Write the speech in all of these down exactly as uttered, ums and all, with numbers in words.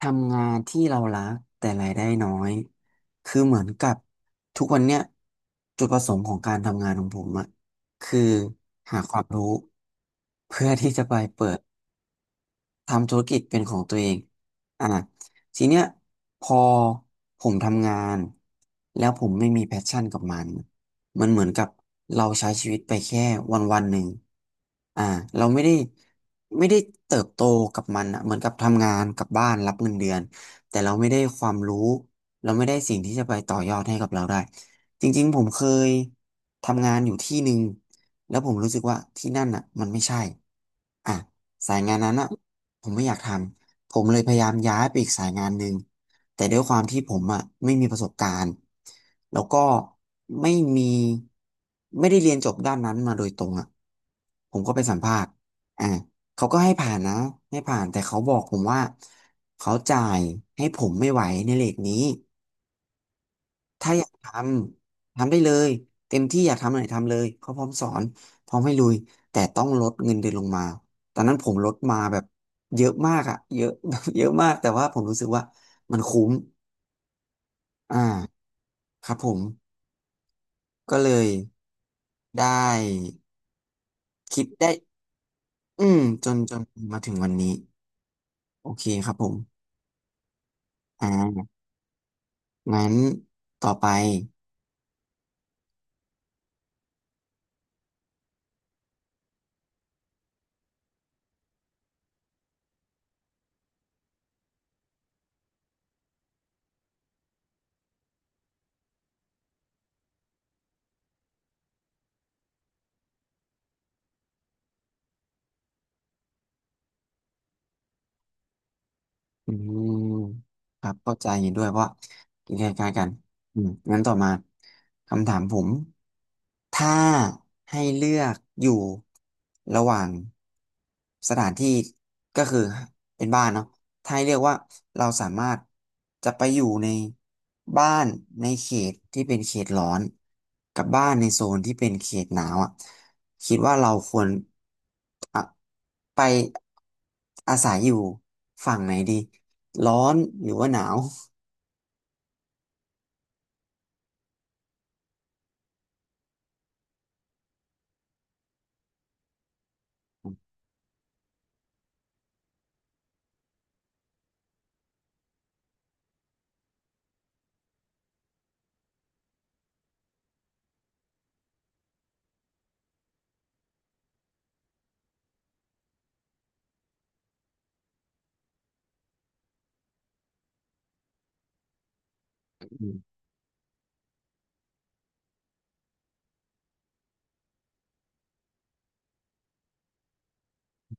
ทำงานที่เรารักแต่รายได้น้อยคือเหมือนกับทุกวันเนี้ยจุดประสงค์ของการทำงานของผมอะคือหาความรู้เพื่อที่จะไปเปิด ทำธุรกิจเป็นของตัวเองอ่ะทีเนี้ยพอผมทำงานแล้วผมไม่มีแพชชั่นกับมันมันเหมือนกับเราใช้ชีวิตไปแค่วันวันหนึ่งอ่าเราไม่ได้ไม่ได้เติบโตกับมันอ่ะเหมือนกับทำงานกลับบ้านรับเงินเดือนแต่เราไม่ได้ความรู้เราไม่ได้สิ่งที่จะไปต่อยอดให้กับเราได้ จริงๆผมเคยทำงานอยู่ที่หนึ่งแล้วผมรู้สึกว่าที่นั่นอ่ะมันไม่ใช่อ่ะสายงานนั้นอ่ะ ผมไม่อยากทำ ผมเลยพยายามย้ายไปอีกสายงานหนึ่งแต่ด้วยความที่ผมอ่ะไม่มีประสบการณ์ แล้วก็ไม่มีไม่ได้เรียนจบด้านนั้นมาโดยตรงอ่ะผมก็ไปสัมภาษณ์อ่าเขาก็ให้ผ่านนะให้ผ่าน แต่เขาบอกผมว่าเขาจ่ายให้ผมไม่ไหวในเลทนี้ ถ้าอยากทำทำได้เลยเต็มที่อยากทำอะไรทำเลยเขาพร้อมสอนพร้อมให้ลุยแต่ต้องลดเงินเดือนลงมาตอนนั้นผมลดมาแบบเยอะมากอะเยอะ แบบเยอะมากแต่ว่าผมรู้สึกว่ามันคุ้มอ่าครับผมก็เลยได้คิดได้อืมจนจนมาถึงวันนี้โอเคครับผมอ่างั้นต่อไป อืมครับเข้าใจเห็นด้วยเพราะว่าใกนคล้ายๆกันอืมงั้นต่อมาคำถามผม ถ้าให้เลือกอยู่ระหว่างสถานที่ก็คือเป็นบ้านเนาะถ้าให้เลือกว่าเราสามารถจะไปอยู่ในบ้านในเขตที่เป็นเขตร้อนกับบ้านในโซนที่เป็นเขตหนาวอ่ะคิดว่าเราควรอะไปอาศัยอยู่ฝั่งไหนดีร้อนหรือว่าหนาว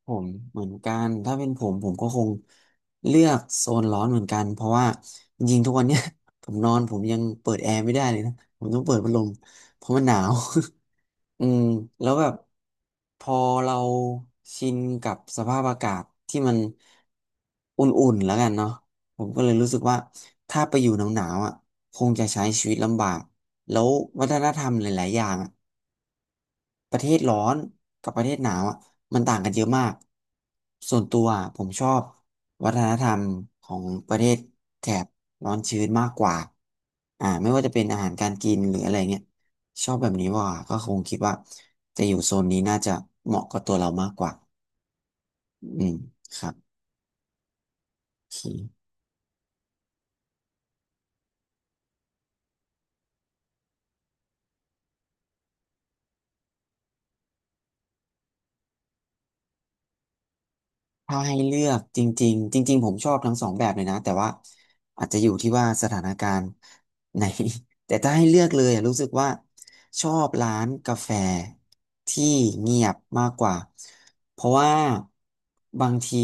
ผมเหมือนกันถ้าเป็นผมผมก็คงเลือกโซนร้อนเหมือนกันเพราะว่าจริงๆทุกวันเนี้ย ผมนอนผมยังเปิดแอร์ไม่ได้เลยนะผมต้องเปิดพัดลมเพราะมันหนาว อืมแล้วแบบพอเราชินกับสภาพอากาศที่มันอุ่นๆแล้วกันเนาะผมก็เลยรู้สึกว่าถ้าไปอยู่หนาวๆอ่ะคงจะใช้ชีวิตลำบากแล้ววัฒนธรรมหลายๆอย่างอะ ประเทศร้อนกับประเทศหนาวอ่ะมันต่างกันเยอะมากส่วนตัวอะผมชอบวัฒนธรรมของประเทศแถบร้อนชื้นมากกว่าอ่าไม่ว่าจะเป็นอาหารการกินหรืออะไรเงี้ยชอบแบบนี้ว่าก็คงคิดว่าจะอยู่โซนนี้น่าจะเหมาะกับตัวเรามากกว่าอืมครับโอเคถ้าให้เลือกจริงๆจริงๆผมชอบทั้งสองแบบเลยนะแต่ว่า อาจจะอยู่ที่ว่าสถานการณ์ไหน แต่ถ้าให้เลือกเลยอะรู้สึกว่าชอบร้านกาแฟที่เงียบมากกว่า เพราะว่าบางที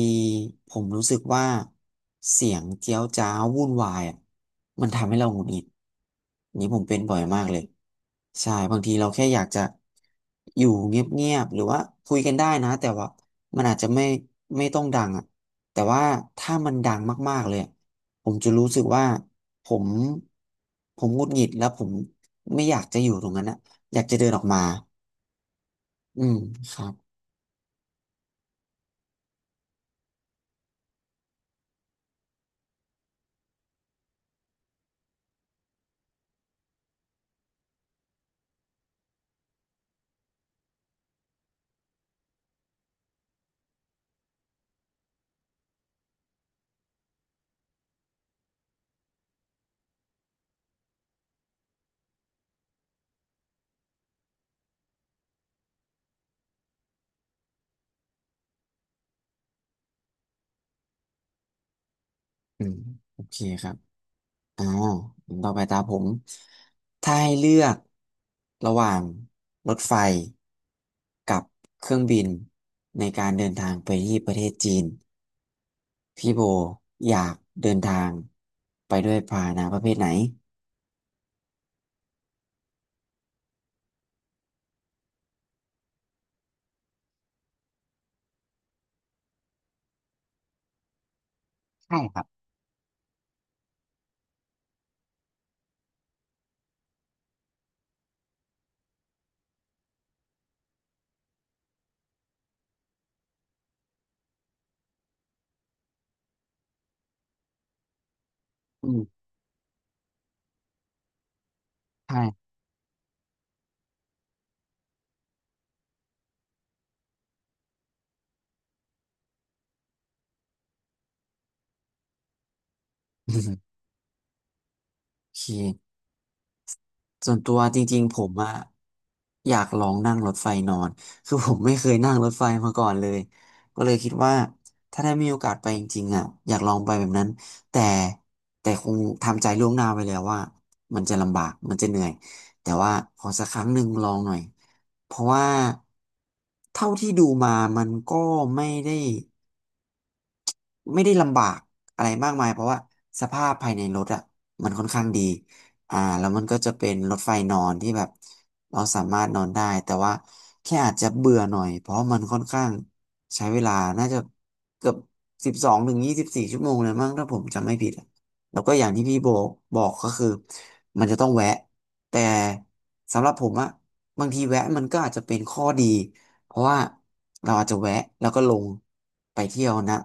ผมรู้สึกว่าเสียงเจี๊ยวจ้าววุ่นวายอะมันทำให้เราหงุดหงิด นี่ผมเป็นบ่อยมากเลยใช่บางทีเราแค่อยากจะอยู่เงียบๆหรือว่าคุยกันได้นะแต่ว่ามันอาจจะไม่ไม่ต้องดังอ่ะแต่ว่าถ้ามันดังมากๆเลย ผมจะรู้สึกว่าผมผมหงุดหงิดแล้วผมไม่อยากจะอยู่ตรงนั้นนะอยากจะเดินออกมาอืมครับอืมโอเคครับอ่าต่อไปตาผมถ้าให้เลือกระหว่างรถไฟกับเครื่องบินในการเดินทางไปที่ประเทศจีนพี่โบอยากเดินทางไปด้วยพาหนะประเภทไหนใช่ครับอืมใช่ โอเค ส่วนตัวจริงๆผมอะอยากลองนั่งรถไฟนอน คือผมไม่เคยนั่งรถไฟมาก่อนเลย ก็เลยคิดว่าถ้าได้มีโอกาสไปจริงๆอะอยากลองไปแบบนั้น แต่แต่คงทำใจล่วงหน้าไว้แล้วว่ามันจะลำบากมันจะเหนื่อย แต่ว่าขอสักครั้งหนึ่งลองหน่อย เพราะว่าเท่าที่ดูมามันก็ไม่ได้ ไม่ได้ลำบากอะไรมากมายเพราะว่าสภาพภายในรถอ่ะมันค่อนข้างดีอ่าแล้วมันก็จะเป็นรถไฟนอนที่แบบเราสามารถนอนได้แต่ว่าแค่อาจจะเบื่อหน่อยเพราะมันค่อนข้างใช้เวลาน่าจะเกือบสิบสองถึงยี่สิบสี่ชั่วโมงเลยมั้งถ้าผมจำไม่ผิดอะแล้วก็อย่างที่พี่โบบอกก็คือมันจะต้องแวะแต่สำหรับผมอะบางทีแวะมันก็อาจจะเป็นข้อดีเพราะว่าเราอาจจะแวะแล้วก็ลงไปเที่ยวนะ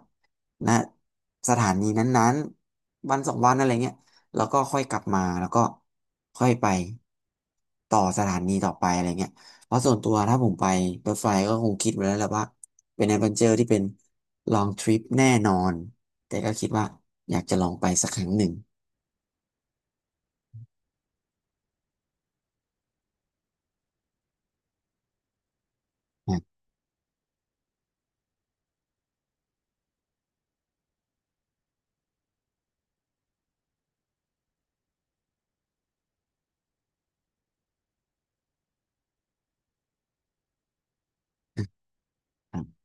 ณสถานีนั้นๆวันสองวันอะไรเงี้ยแล้วก็ค่อยกลับมาแล้วก็ค่อยไปต่อสถานีต่อไปอะไรเงี้ยเพราะส่วนตัวถ้าผมไปรถไฟก็คงคิดไว้แล้วแหละว่าเป็นแอดเวนเจอร์ที่เป็น long trip แน่นอนแต่ก็คิดว่าอยากจะลองไปสักครั้งหนึ่งนะครับ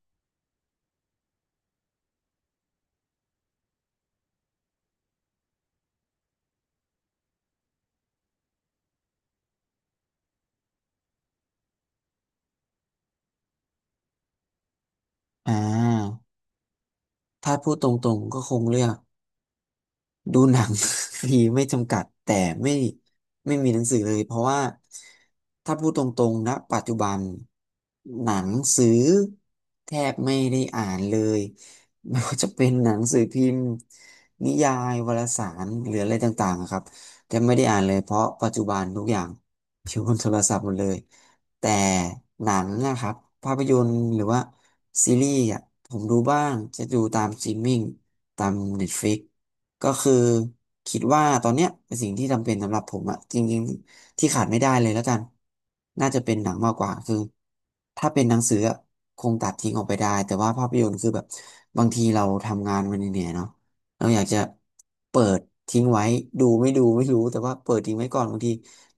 อ่าถ้าพูดตรงๆก็คงเลือก ดูหนัง ฟรีไม่จำกัดแต่ไม่ไม่มีหนังสือเลยเพราะว่าถ้าพูดตรงๆนะปัจจุบันหนังสือแทบไม่ได้อ่านเลยไม่ว่าจะเป็นหนังสือพิมพ์นิยายวารสารหรืออะไรต่างๆอะครับแทบไม่ได้อ่านเลยเพราะปัจจุบันทุกอย่างอยู่บนโทรศัพท์หมดเลยแต่หนังนะครับภาพยนตร์หรือว่าซีรีส์อ่ะผมดูบ้างจะดูตามสตรีมมิ่งตาม เน็ตฟลิกซ์ ก็คือคิดว่าตอนเนี้ยเป็นสิ่งที่จำเป็นสำหรับผมอะจริงๆที่ขาดไม่ได้เลยแล้วกันน่าจะเป็นหนังมากกว่าคือถ้าเป็นหนังสืออะคงตัดทิ้งออกไปได้แต่ว่าภาพยนตร์คือแบบบางทีเราทำงานมันเหนื่อยๆเนาะเราอยากจะเปิดทิ้งไว้ดูไม่ดูไม่รู้แต่ว่าเปิดทิ้งไว้ก่อนบางที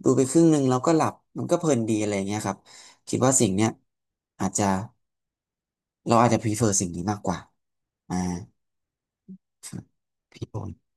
ดูไปครึ่งหนึ่งแล้วก็หลับมันก็เพลินดีอะไรอย่างเงี้ยครับคิดว่าสิ่งเนี้ยอาจจะเราอาจจะ prefer สิ่งนี้มากกว่าอ่าครับพี่บอล